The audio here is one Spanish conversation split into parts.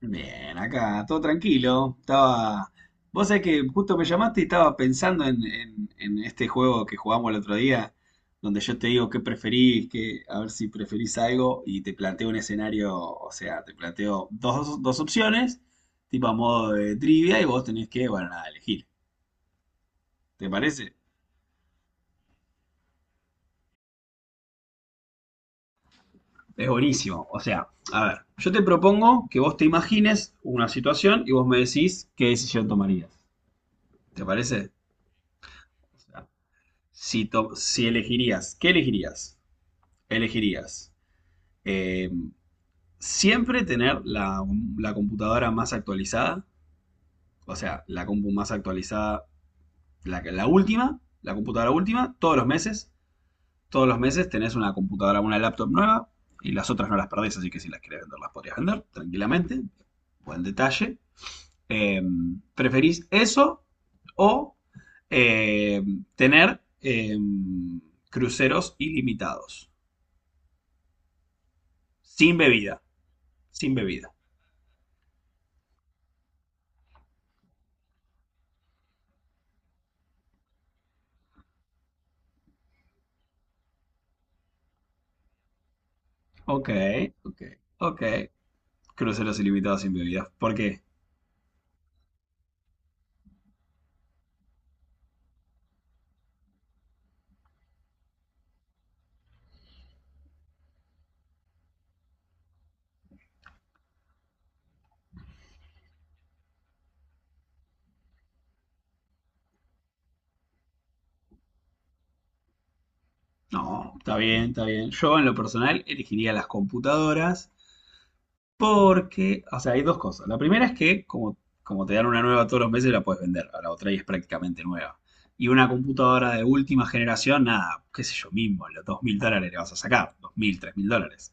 Bien, acá, todo tranquilo. Estaba. Vos sabés que justo me llamaste y estaba pensando en este juego que jugamos el otro día, donde yo te digo qué preferís, que a ver si preferís algo, y te planteo un escenario, o sea, te planteo dos opciones, tipo a modo de trivia, y vos tenés que, bueno, nada, elegir. ¿Te parece? Es buenísimo. O sea, a ver, yo te propongo que vos te imagines una situación y vos me decís qué decisión tomarías. ¿Te parece? Si elegirías, ¿qué elegirías? ¿Elegirías eh, siempre tener la computadora más actualizada? O sea, la compu más actualizada, la última, la computadora última, todos los meses. Todos los meses tenés una computadora, una laptop nueva y las otras no las perdés, así que si las querés vender, las podrías vender tranquilamente. Buen detalle. Eh, ¿Preferís eso o eh, tener cruceros ilimitados? Sin bebida. Sin bebida. Ok, ok, ok. Cruceros ilimitados sin bebidas. ¿Por qué? No, está bien, está bien. Yo en lo personal elegiría las computadoras porque, o sea, hay dos cosas. La primera es que como, te dan una nueva todos los meses la puedes vender, a la otra y es prácticamente nueva. Y una computadora de última generación, nada, qué sé yo mismo, los $2.000 le vas a sacar, 2.000, $3.000.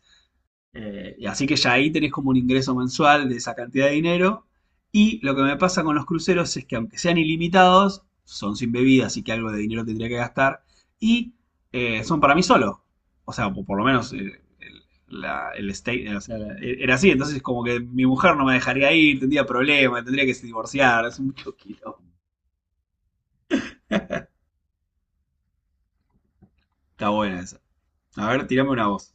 Y así que ya ahí tenés como un ingreso mensual de esa cantidad de dinero. Y lo que me pasa con los cruceros es que aunque sean ilimitados, son sin bebida, así que algo de dinero tendría que gastar. Y son para mí solo. O sea, por lo menos el, la- el state- o sea, era así. Entonces como que mi mujer no me dejaría ir, tendría problemas, tendría que divorciar. Es mucho quilombo. Está buena esa. A ver, tirame una voz.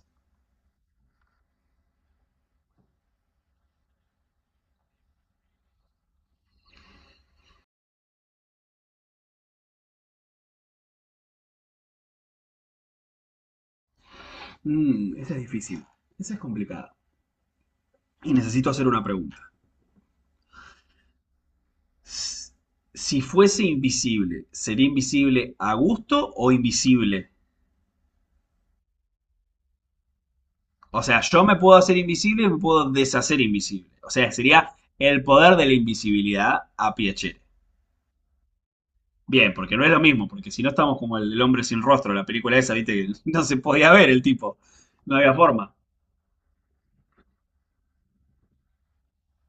Esa es difícil. Esa es complicada. Y necesito hacer una pregunta. Si fuese invisible, ¿sería invisible a gusto o invisible? O sea, yo me puedo hacer invisible y me puedo deshacer invisible. O sea, sería el poder de la invisibilidad a Piacere. Bien, porque no es lo mismo, porque si no estamos como el hombre sin rostro, la película esa, viste, que no se podía ver el tipo. No había forma.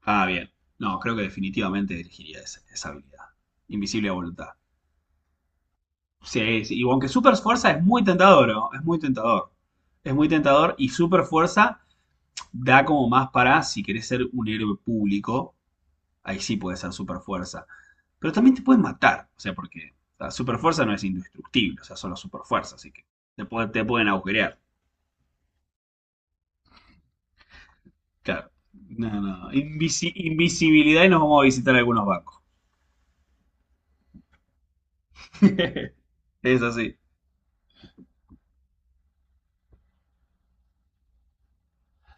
Ah, bien. No, creo que definitivamente elegiría esa habilidad. Invisible a voluntad. Sí, sí, y aunque super fuerza es muy tentador, ¿no? Es muy tentador. Es muy tentador y super fuerza da como más para si querés ser un héroe público, ahí sí puede ser super fuerza. Pero también te pueden matar, o sea, porque la super fuerza no es indestructible, o sea, solo super fuerza, así que te pueden agujerear. Claro. No, no. Invisibilidad y nos vamos a visitar algunos bancos. Es así.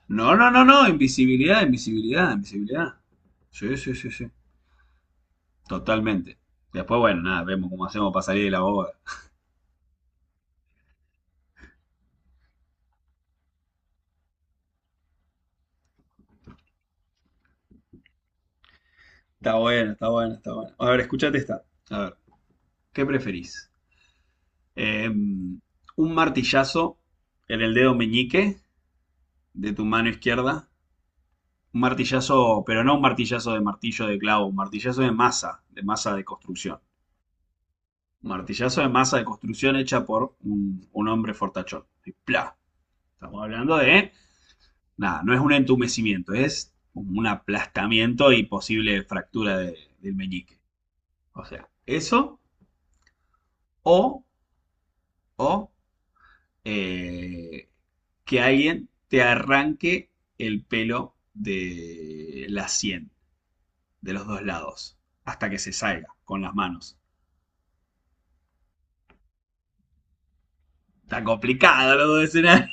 No, no, no, no. Invisibilidad, invisibilidad, invisibilidad. Sí, sí, sí, sí. Totalmente. Después, bueno, nada, vemos cómo hacemos para salir de la boda. Está bueno, está bueno, está bueno. A ver, escuchate esta. A ver, ¿qué preferís? Eh, un martillazo en el dedo meñique de tu mano izquierda. Un martillazo, pero no un martillazo de martillo de clavo, un martillazo de masa, de masa de construcción. Un martillazo de masa de construcción hecha por un hombre fortachón. Y ¡plá! Estamos hablando de. Nada, no es un entumecimiento, es un aplastamiento y posible fractura del meñique. O sea, eso o, o eh, que alguien te arranque el pelo de la sien, de los dos lados, hasta que se salga con las manos. Está complicado los dos escenarios.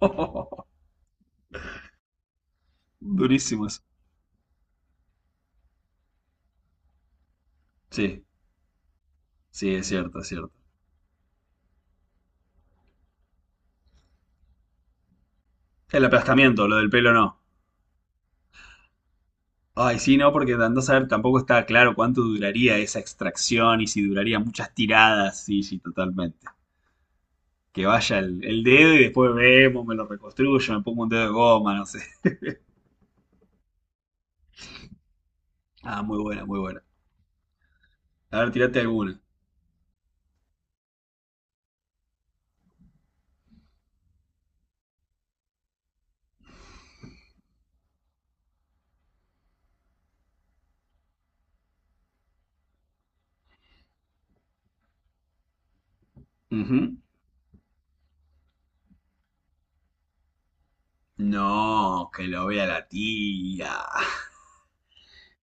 Durísimo eso. Sí, sí, es cierto, es cierto. El aplastamiento, lo del pelo no. Ay, sí, no, porque andás a saber tampoco está claro cuánto duraría esa extracción y si duraría muchas tiradas. Sí, sí, totalmente. Que vaya el dedo y después vemos, me lo reconstruyo, me pongo un dedo de goma, no sé. Ah, muy buena, muy buena. A ver, tirate alguna. Ujú. No, que lo vea la tía.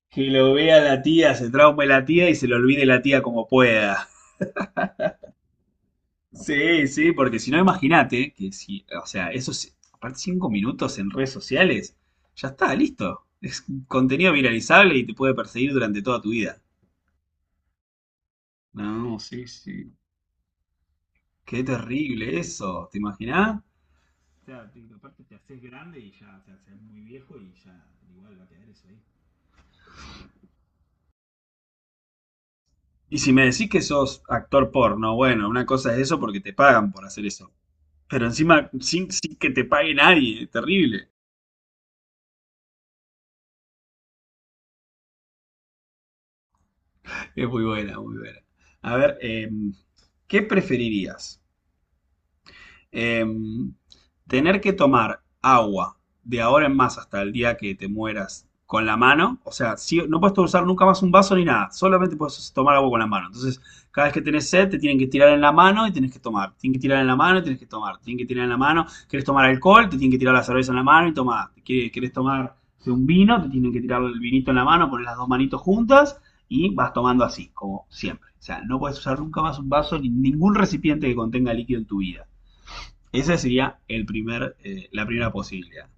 Que lo vea la tía, se traume la tía y se lo olvide la tía como pueda. Sí, sí, porque si no, imagínate que si, o sea, esos, aparte 5 minutos en redes sociales, ya está, listo. Es contenido viralizable y te puede perseguir durante toda tu vida. No, sí, sí. Qué terrible eso, ¿te imaginás? O sea, aparte te haces grande y ya te haces muy viejo y ya igual va a quedar eso ahí. Y si me decís que sos actor porno, bueno, una cosa es eso porque te pagan por hacer eso. Pero encima, sin que te pague nadie, es terrible. Es muy buena, muy buena. A ver, ¿qué preferirías? Eh, tener que tomar agua de ahora en más hasta el día que te mueras con la mano, o sea, no puedes usar nunca más un vaso ni nada, solamente puedes tomar agua con la mano. Entonces, cada vez que tenés sed, te tienen que tirar en la mano y tienes que tomar. Tienen que tirar en la mano y tienes que tomar. Tienen que tirar en la mano. ¿Querés tomar alcohol? Te tienen que tirar la cerveza en la mano y tomar. ¿Querés tomar un vino? Te tienen que tirar el vinito en la mano, poner las dos manitos juntas y vas tomando así, como siempre. O sea, no puedes usar nunca más un vaso ni ningún recipiente que contenga líquido en tu vida. Esa sería la primera posibilidad.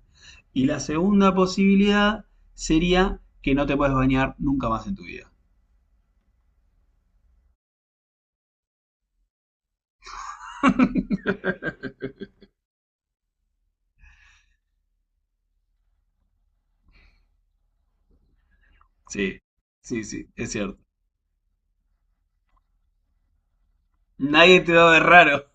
Y la segunda posibilidad sería que no te puedes bañar nunca más en tu vida. Sí, sí, sí, es cierto. Nadie te va a ver raro.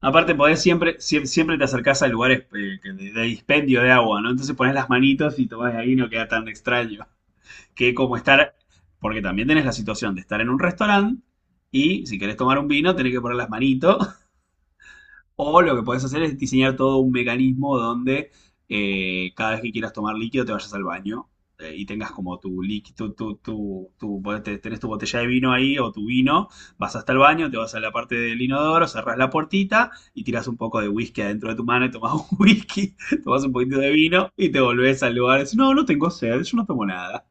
Aparte, podés siempre, siempre te acercás a lugares que de dispendio de agua, ¿no? Entonces pones las manitos y tomás de ahí no queda tan extraño. Que como estar, porque también tenés la situación de estar en un restaurante y si querés tomar un vino tenés que poner las manitos. O lo que podés hacer es diseñar todo un mecanismo donde cada vez que quieras tomar líquido te vayas al baño y tengas como tu líquido, tenés tu botella de vino ahí o tu vino, vas hasta el baño, te vas a la parte del inodoro, cerrás la puertita y tiras un poco de whisky adentro de tu mano y tomás un whisky, tomás un poquitito de vino y te volvés al lugar y decís, no, no tengo sed, yo no tomo nada.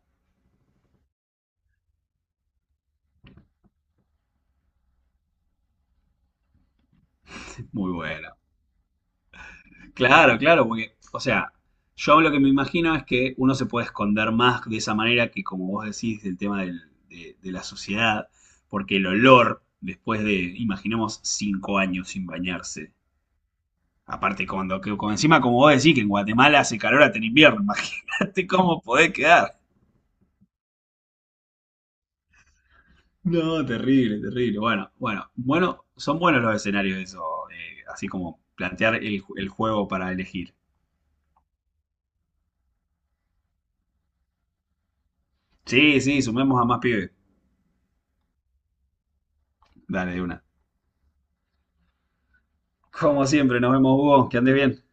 Muy bueno. Claro, claro, porque, o sea, yo lo que me imagino es que uno se puede esconder más de esa manera que, como vos decís, del tema de la suciedad, porque el olor, después de, imaginemos, 5 años sin bañarse, aparte cuando, que, como encima, como vos decís, que en Guatemala hace calor hasta en invierno, imagínate cómo podés quedar. No, terrible, terrible. Bueno, bueno, bueno, son buenos los escenarios eso, así como plantear el juego para elegir. Sí, sí, sumemos a más pibes. Dale, de una. Como siempre, nos vemos, Hugo. Que andes bien.